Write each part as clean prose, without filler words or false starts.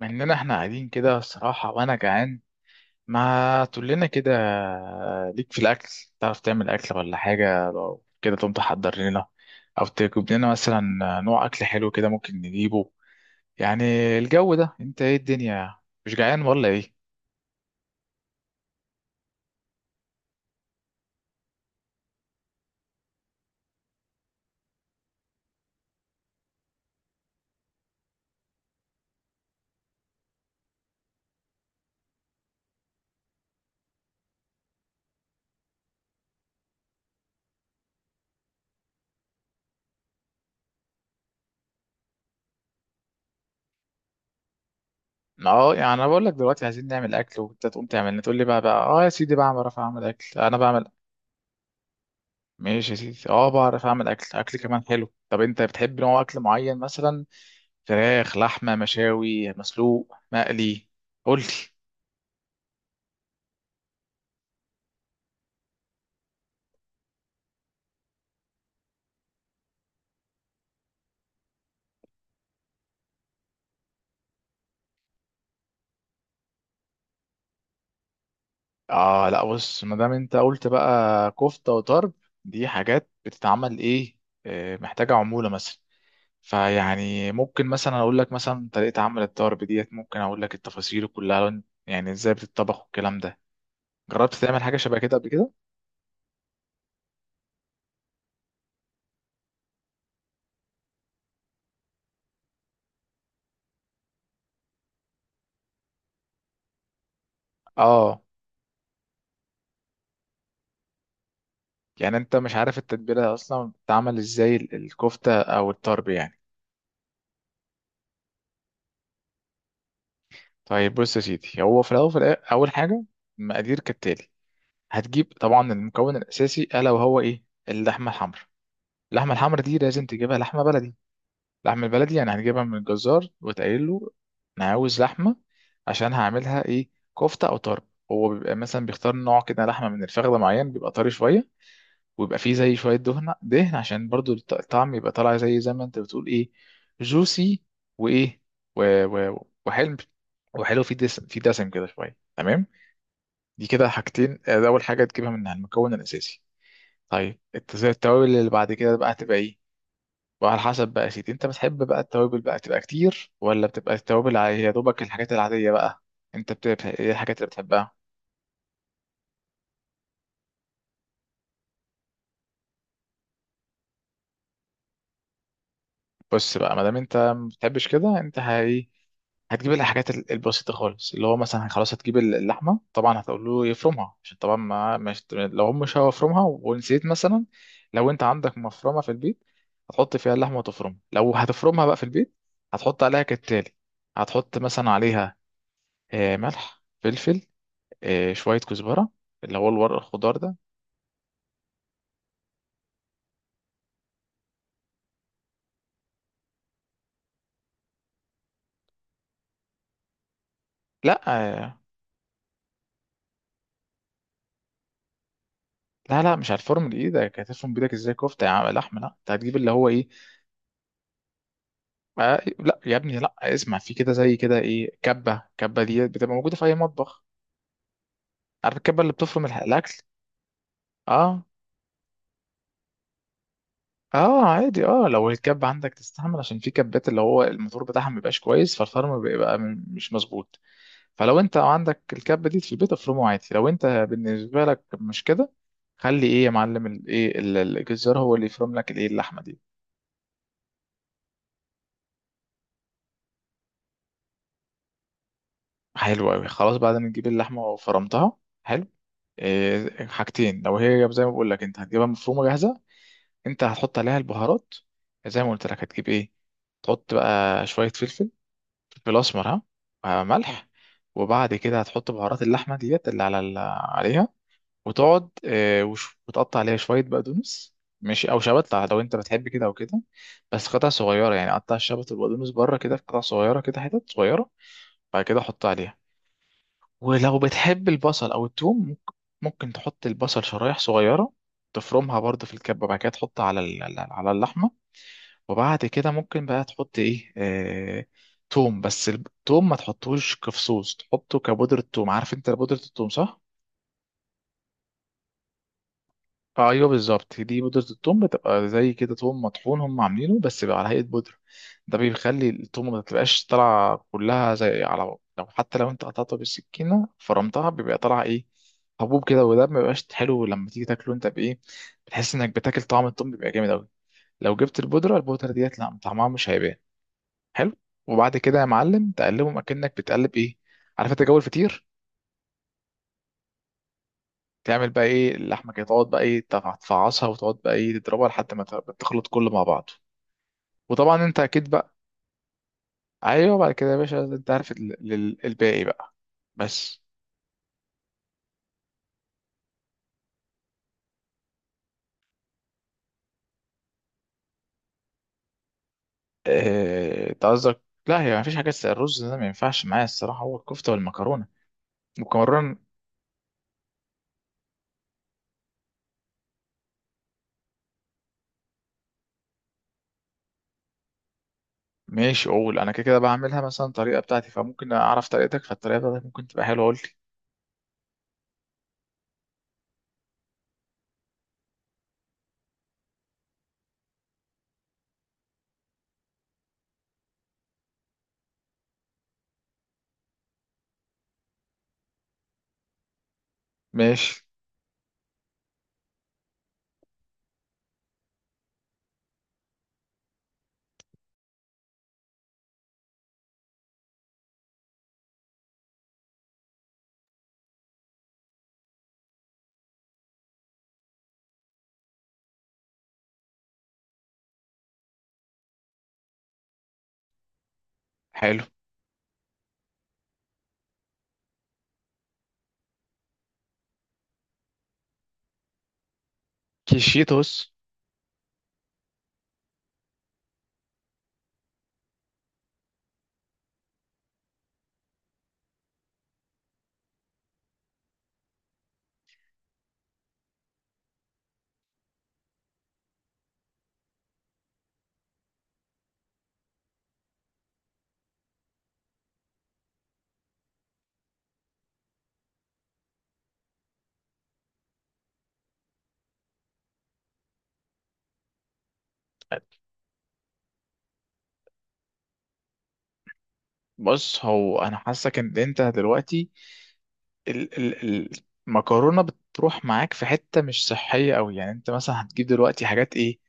مع اننا احنا قاعدين كده الصراحة وانا جعان، ما تقول لنا كده ليك في الاكل. تعرف تعمل اكل ولا حاجة؟ لو كده تقوم تحضر لنا، او تجيب لنا مثلا نوع اكل حلو كده ممكن نجيبه. يعني الجو ده، انت ايه الدنيا؟ مش جعان ولا ايه؟ اه، يعني انا بقول لك دلوقتي عايزين نعمل اكل وانت تقوم تعمل لنا، تقول لي بقى اه يا سيدي بقى بعرف اعمل اكل انا بعمل. ماشي يا سيدي، اه بعرف اعمل اكل، اكل كمان حلو. طب انت بتحب نوع اكل معين مثلا؟ فراخ، لحمة، مشاوي، مسلوق، مقلي؟ قول لي. اه، لا بص، ما دام انت قلت بقى كفتة وطرب، دي حاجات بتتعمل ايه؟ محتاجة عمولة مثلا. فيعني ممكن مثلا اقول لك مثلا طريقة عمل الطرب ديت، ممكن اقول لك التفاصيل كلها، يعني ازاي بتطبخ والكلام ده. جربت تعمل حاجة شبه كده قبل كده؟ اه. يعني انت مش عارف التتبيلة اصلا بتتعمل ازاي، الكفتة او الطرب يعني. طيب بص يا سيدي، هو في الاول، في اول حاجة، مقادير كالتالي. هتجيب طبعا المكون الاساسي الا وهو ايه؟ اللحمه الحمراء. اللحمه الحمراء دي لازم تجيبها لحمه بلدي. اللحمه البلدي يعني هنجيبها من الجزار، وتقول له انا عاوز لحمه عشان هعملها ايه، كفته او طرب. هو بيبقى مثلا بيختار نوع كده لحمه من الفخده معين، بيبقى طري شويه، ويبقى فيه زي شويه دهن دهن، عشان برضو الطعم يبقى طالع زي ما انت بتقول ايه، جوسي. وايه، و... وحلم، وحلو، في دسم في دسم كده شويه، تمام. دي كده حاجتين. ده اول حاجه تجيبها منها، المكون الاساسي. طيب زي التوابل اللي بعد كده بقى هتبقى ايه، وعلى حسب بقى يا سيدي انت بتحب بقى التوابل بقى تبقى كتير، ولا بتبقى التوابل يا دوبك الحاجات العادية بقى. انت بتبقى ايه الحاجات اللي بتحبها؟ بص بقى، ما دام انت ما بتحبش كده، انت هي هتجيب الحاجات البسيطة خالص، اللي هو مثلا خلاص هتجيب اللحمة. طبعا هتقول له يفرمها، عشان طبعا ما مش، لو هم مش هيفرمها ونسيت مثلا، لو انت عندك مفرمة في البيت هتحط فيها اللحمة وتفرمها. لو هتفرمها بقى في البيت، هتحط عليها كالتالي. هتحط مثلا عليها ملح، فلفل، شوية كزبرة، اللي هو الورق الخضار ده. لا. آه، لا لا، مش هتفرم بايدك. هتفرم بايدك ازاي كفتة يا عم لحمة؟ لا، انت هتجيب اللي هو ايه. لا يا ابني، لا اسمع في كده، زي كده ايه، كبة. كبة دي بتبقى موجودة في اي مطبخ. عارف الكبة اللي بتفرم الاكل. اه. اه، عادي، اه لو الكبة عندك تستحمل، عشان في كبات اللي هو الموتور بتاعها ما بيبقاش كويس، فالفرم بيبقى مش مظبوط. فلو انت عندك الكبه دي في البيت افرمه عادي. لو انت بالنسبه لك مش كده، خلي ايه يا معلم، الايه الجزار هو اللي يفرم لك الايه اللحمه دي. حلو قوي. خلاص، بعد ما تجيب اللحمه وفرمتها، حلو. إيه حاجتين، لو هي زي ما بقول لك انت هتجيبها مفرومه جاهزه، انت هتحط عليها البهارات. زي ما قلت لك، هتجيب ايه، تحط بقى شويه فلفل، فلفل اسمر، ها، ملح. وبعد كده هتحط بهارات اللحمه ديت اللي على عليها، وتقعد وتقطع عليها شوية بقدونس، ماشي، أو شبت لو أنت بتحب كده أو كده، بس قطع صغيرة، يعني قطع الشبت والبقدونس بره كده في قطع صغيرة كده، حتت صغيرة. بعد كده حط عليها، ولو بتحب البصل أو التوم، ممكن، ممكن تحط البصل شرايح صغيرة، تفرمها برضه في الكبة، بعد كده تحطها على على على اللحمة. وبعد كده ممكن بقى تحط إيه، توم. بس التوم ما تحطوش كفصوص، تحطه كبودرة توم. عارف أنت بودرة التوم، صح؟ ايوه بالظبط، دي بودرة التوم، بتبقى زي كده توم مطحون هم عاملينه بس بيبقى على هيئة بودرة. ده بيخلي التوم ما تبقاش طالعة كلها زي، على لو، حتى لو انت قطعتها بالسكينة فرمتها بيبقى طالع ايه، حبوب كده. وده ما بيبقاش حلو لما تيجي تاكله انت بايه، بتحس انك بتاكل طعم التوم بيبقى جامد قوي. لو جبت البودرة، البودرة ديت لا طعمها مش هيبان. حلو. وبعد كده يا معلم تقلبهم اكنك بتقلب ايه، عارف انت جو الفطير. تعمل بقى ايه اللحمه كده، تقعد بقى ايه تفعصها، وتقعد بقى ايه تضربها لحد ما تخلط كله مع بعضه. وطبعا انت اكيد بقى، ايوه بعد كده يا باشا انت عارف الباقي بقى، بس. انت قصدك، لا، هي مفيش حاجه اسمها الرز ده، ما ينفعش معايا الصراحه، هو الكفته والمكرونه. والمكرونه؟ ماشي، اقول انا كده كده بعملها مثلا طريقه بتاعتي، فممكن اعرف طريقتك، فالطريقه بتاعتك ممكن تبقى حلوه، قول لي. ماشي. حلو. كيشيتوس. بص هو انا حاسك ان انت دلوقتي، ال ال المكرونه بتروح معاك في حته مش صحيه قوي، يعني انت مثلا هتجيب دلوقتي حاجات ايه،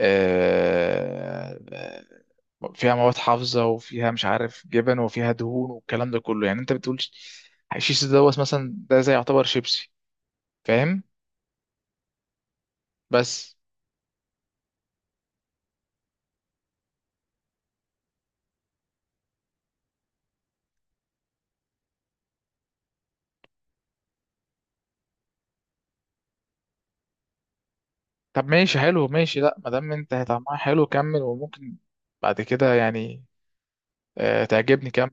آه فيها مواد حافظه، وفيها مش عارف جبن، وفيها دهون، والكلام ده كله، يعني انت بتقول الشيش دوت مثلا ده زي يعتبر شيبسي، فاهم؟ بس، طب ماشي، حلو، ماشي، لا ما دام انت طعمها حلو كمل، وممكن بعد كده يعني آه تعجبني، كمل.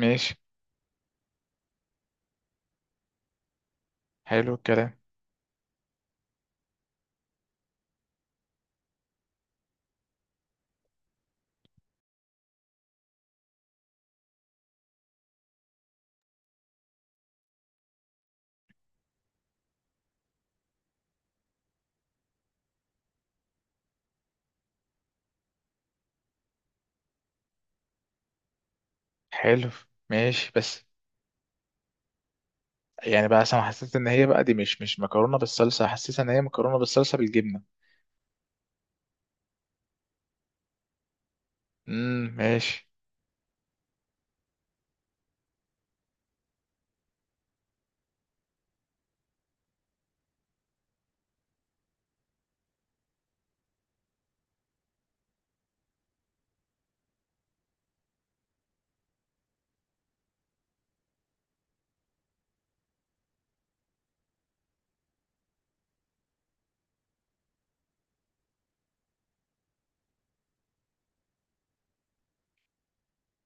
ماشي. حلو الكلام. حلو. ماشي. بس، يعني بقى انا حسيت ان هي بقى دي مش مكرونه بالصلصه، حسيت ان هي مكرونه بالصلصه بالجبنه. ماشي.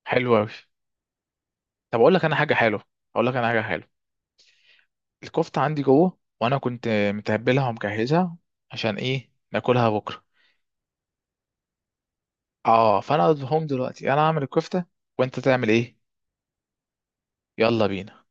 حلو قوي. طب اقول لك انا حاجه حلوه، اقول لك انا حاجه حلوه. الكفته عندي جوه، وانا كنت متبلها ومجهزها عشان ايه، ناكلها بكره. اه، فانا اقول لهم دلوقتي انا هعمل الكفته، وانت تعمل ايه. يلا بينا.